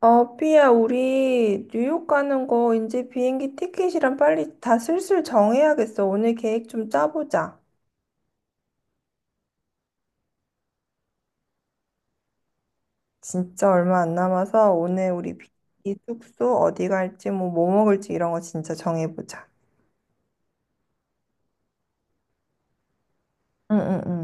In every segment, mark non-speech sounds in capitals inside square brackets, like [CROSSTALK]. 어, 삐야, 우리 뉴욕 가는 거 이제 비행기 티켓이랑 빨리 다 슬슬 정해야겠어. 오늘 계획 좀 짜보자. 진짜 얼마 안 남아서 오늘 우리 비행기 숙소 어디 갈지 뭐 먹을지 이런 거 진짜 정해보자. 응응응.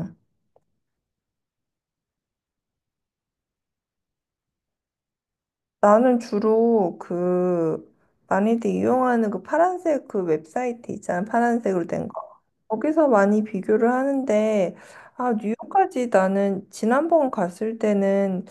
나는 주로 그 많이들 이용하는 그 파란색 그 웹사이트 있잖아. 파란색으로 된 거. 거기서 많이 비교를 하는데, 아, 뉴욕까지 나는 지난번 갔을 때는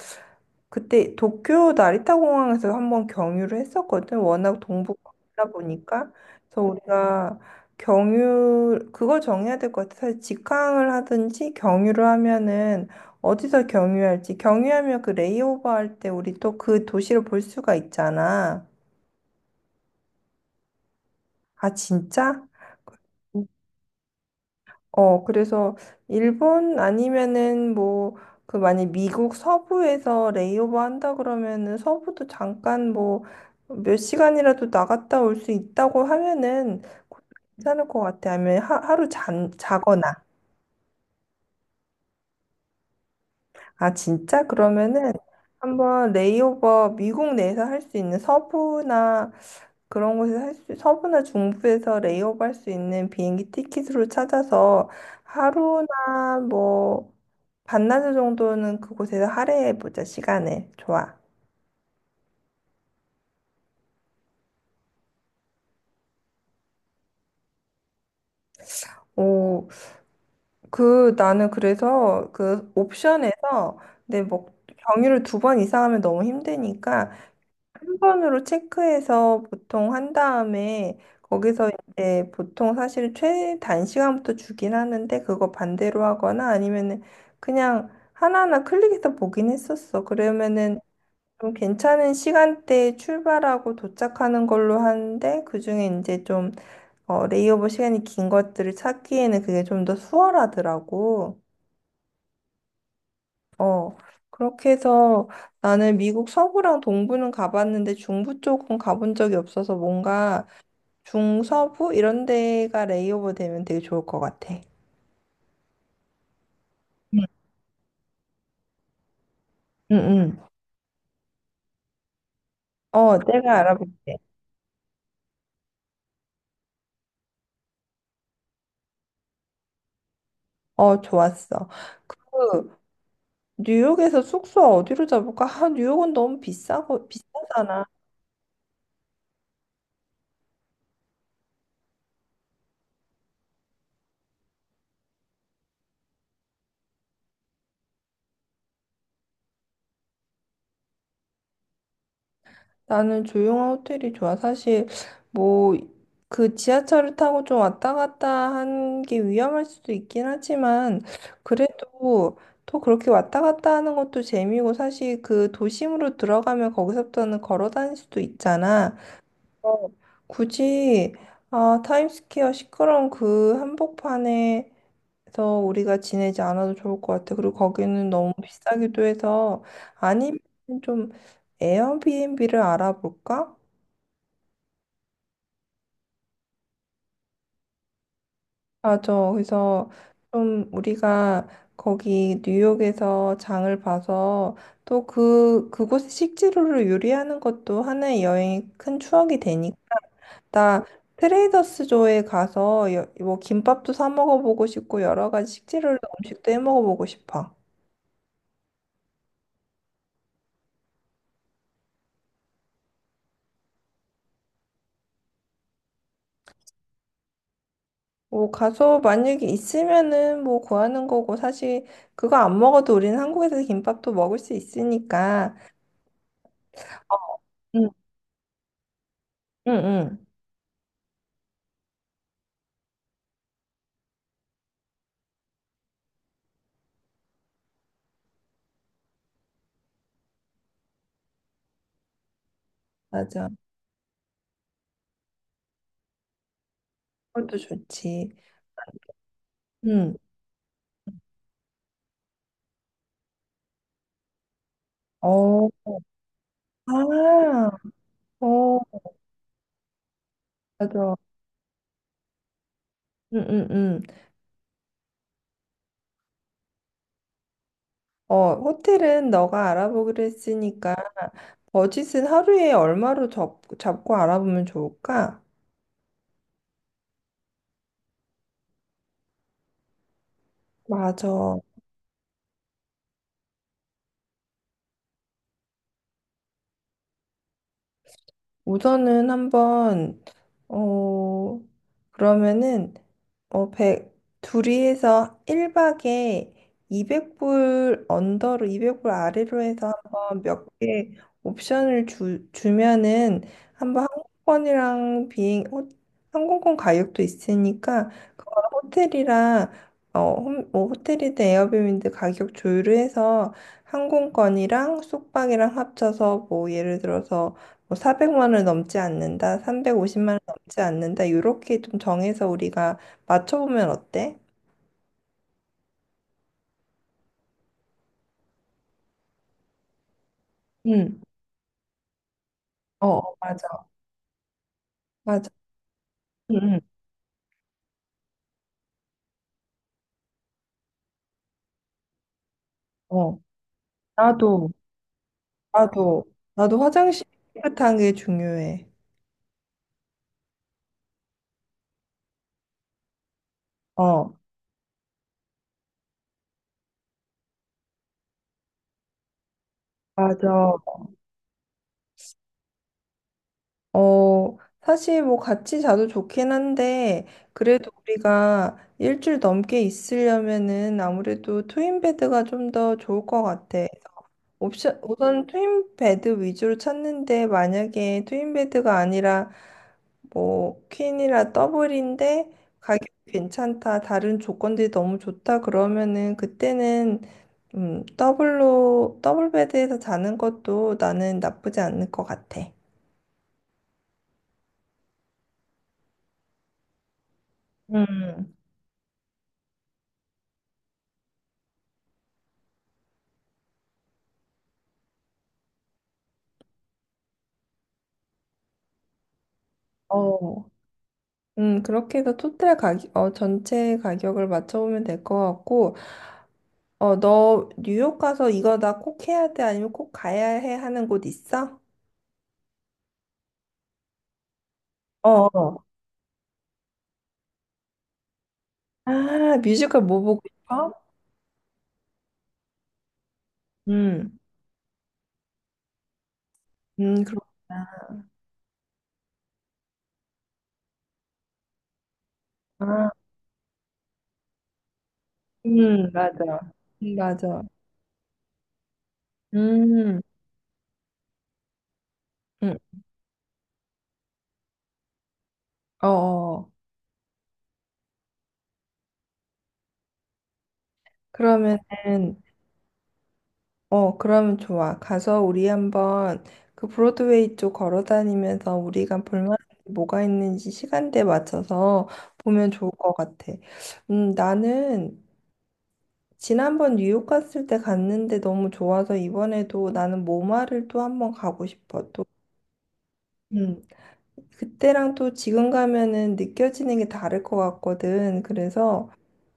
그때 도쿄 나리타 공항에서 한번 경유를 했었거든. 워낙 동북아다 보니까. 그래서 우리가 경유, 그거 정해야 될 것 같아. 사실 직항을 하든지 경유를 하면은 어디서 경유할지. 경유하면 그 레이오버 할 때 우리 또 그 도시를 볼 수가 있잖아. 아, 진짜? 어, 그래서 일본 아니면은 뭐 그 만약 미국 서부에서 레이오버 한다 그러면은 서부도 잠깐 뭐 몇 시간이라도 나갔다 올 수 있다고 하면은 괜찮을 것 같아. 아니면 하루 자거나. 아, 진짜? 그러면은 한번 레이오버 미국 내에서 할 수 있는 서부나 그런 곳을 할 수, 서부나 중부에서 레이업 할 수 있는 비행기 티켓으로 찾아서 하루나 뭐 반나절 정도는 그곳에서 할애해보자, 시간을. 좋아. 오, 그, 나는 그래서 그 옵션에서 내 뭐, 경유를 두 번 이상 하면 너무 힘드니까 한 번으로 체크해서 보통 한 다음에 거기서 이제 보통 사실 최단 시간부터 주긴 하는데 그거 반대로 하거나 아니면은 그냥 하나하나 클릭해서 보긴 했었어. 그러면은 좀 괜찮은 시간대에 출발하고 도착하는 걸로 하는데 그중에 이제 좀 어, 레이오버 시간이 긴 것들을 찾기에는 그게 좀 더 수월하더라고. 어, 그렇게 해서 나는 미국 서부랑 동부는 가봤는데 중부 쪽은 가본 적이 없어서 뭔가 중서부 이런 데가 레이오버 되면 되게 좋을 것 같아. 음. 응, 응. 어, 내가 알아볼게. 어, 좋았어. 그, 뉴욕에서 숙소 어디로 잡을까? 아, 뉴욕은 너무 비싸고, 비싸잖아. 나는 조용한 호텔이 좋아. 사실 뭐 그 지하철을 타고 좀 왔다 갔다 하는 게 위험할 수도 있긴 하지만 그래도 또 그렇게 왔다 갔다 하는 것도 재미고 사실 그 도심으로 들어가면 거기서부터는 걸어 다닐 수도 있잖아. 어. 굳이 아, 타임스퀘어 시끄러운 그 한복판에 그래서 우리가 지내지 않아도 좋을 것 같아. 그리고 거기는 너무 비싸기도 해서 아니면 좀 에어비앤비를 알아볼까? 맞아. 그래서 좀 우리가 거기 뉴욕에서 장을 봐서 또 그, 그곳의 식재료를 요리하는 것도 하나의 여행의 큰 추억이 되니까. 나 트레이더스조에 가서 여- 뭐 김밥도 사 먹어보고 싶고 여러 가지 식재료로 음식도 해 먹어보고 싶어. 뭐 가서 만약에 있으면은 뭐 구하는 거고 사실 그거 안 먹어도 우리는 한국에서 김밥도 먹을 수 있으니까 응, 응, 응. 맞아. 그것도 좋지. 응. 어, 아, 어, 맞아. 응, 응, 응. 어, 호텔은 너가 알아보기로 했으니까 버짓은 하루에 얼마로 잡고 알아보면 좋을까? 맞아. 우선은 한번 어 그러면은 어 백 둘이 해서 1박에 200불 언더로 200불 아래로 해서 한번 몇 개 옵션을 주면은 한번 항공권이랑 항공권 가격도 있으니까 그거 호텔이랑 어, 뭐 호텔이든 에어비앤비 가격 조율을 해서 항공권이랑 숙박이랑 합쳐서 뭐 예를 들어서 뭐 400만 원을 넘지 않는다, 350만 원을 넘지 않는다, 요렇게 좀 정해서 우리가 맞춰보면 어때? 응, 어, 어, 맞아, 맞아. 응, 응, 어. 나도, 나도, 나도 화장실 깨끗한 게 중요해. 어, 맞아. 어, 사실 뭐 같이 자도 좋긴 한데, 그래도 우리가 일주일 넘게 있으려면은 아무래도 트윈베드가 좀 더 좋을 것 같아. 옵션, 우선 트윈 베드 위주로 찾는데 만약에 트윈 베드가 아니라 뭐 퀸이라 더블인데 가격이 괜찮다, 다른 조건들이 너무 좋다 그러면은 그때는 더블 베드에서 자는 것도 나는 나쁘지 않을 것 같아. 음, 어, 그렇게 해서 전체 가격을 맞춰보면 될 것 같고, 어, 너 뉴욕 가서 이거 나 꼭 해야 돼? 아니면 꼭 가야 해? 하는 곳 있어? 어. 어. 아, 뮤지컬 뭐 보고 싶어? 음. 그렇구나. 아, 맞아. 맞아. 음. 음. 어. 어. 그러면은 어, 그러면 좋아. 가서 우리 한번 그 브로드웨이 쪽 걸어 다니면서 우리가 볼만한 게 뭐가 있는지 시간대에 맞춰서 보면 좋을 것 같아. 나는 지난번 뉴욕 갔을 때 갔는데 너무 좋아서 이번에도 나는 모마를 또 한번 가고 싶어. 또. 음. 그때랑 또 지금 가면은 느껴지는 게 다를 것 같거든. 그래서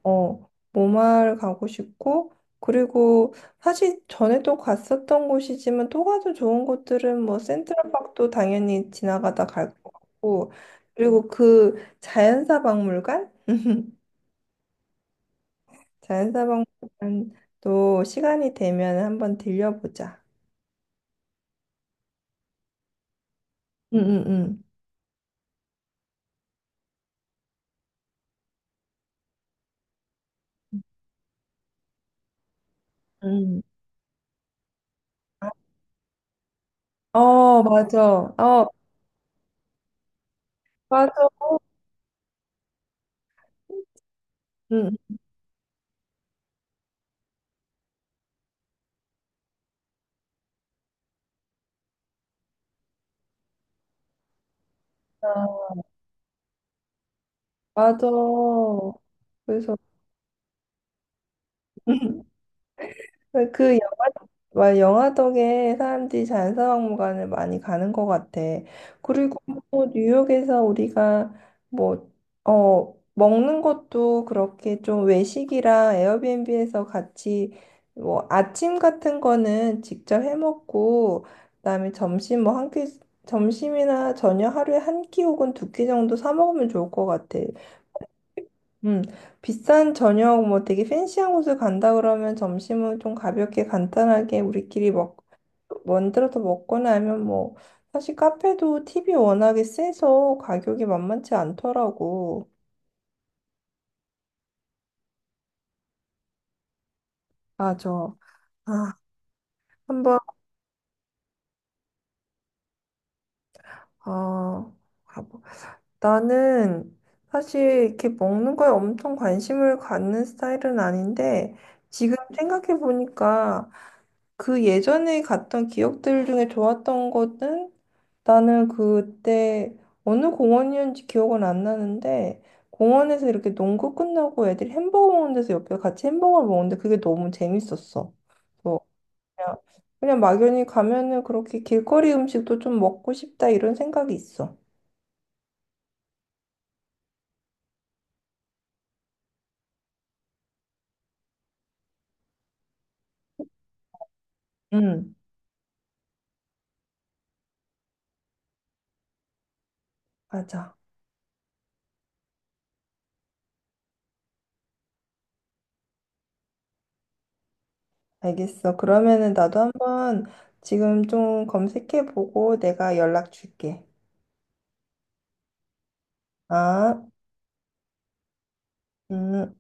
어, 모마를 가고 싶고, 그리고 사실 전에 또 갔었던 곳이지만 또 가도 좋은 곳들은 뭐 센트럴park도 당연히 지나가다 갈 것 같고, 그리고 그 자연사 박물관? [LAUGHS] 자연사 박물관도 시간이 되면 한번 들려보자. 응, 응, 응. 응. 어, 맞아. 어, 맞아. 응. 맞아. 그래서 [LAUGHS] 그 영화, 와, 영화 덕에 사람들이 자연사박물관을 많이 가는 것 같아. 그리고 또 뉴욕에서 우리가 뭐, 어, 먹는 것도 그렇게 좀 외식이랑 에어비앤비에서 같이 뭐 아침 같은 거는 직접 해 먹고, 그다음에 점심 뭐 한 끼, 점심이나 저녁 하루에 한 끼 혹은 두 끼 정도 사 먹으면 좋을 것 같아. 음, 비싼 저녁 뭐 되게 팬시한 곳을 간다 그러면 점심은 좀 가볍게 간단하게 우리끼리 먹 만들어서 먹거나 하면 뭐 사실 카페도 팁이 워낙에 세서 가격이 만만치 않더라고. 맞아. 아, 한번 어 가보. 나는 사실 이렇게 먹는 거에 엄청 관심을 갖는 스타일은 아닌데 지금 생각해 보니까 그 예전에 갔던 기억들 중에 좋았던 것은 나는 그때 어느 공원이었는지 기억은 안 나는데 공원에서 이렇게 농구 끝나고 애들이 햄버거 먹는 데서 옆에 같이 햄버거를 먹는데 그게 너무 재밌었어. 그래서 그냥, 그냥 막연히 가면은 그렇게 길거리 음식도 좀 먹고 싶다 이런 생각이 있어. 응, 맞아. 알겠어. 그러면은 나도 한번 지금 좀 검색해보고 내가 연락 줄게. 아, 음.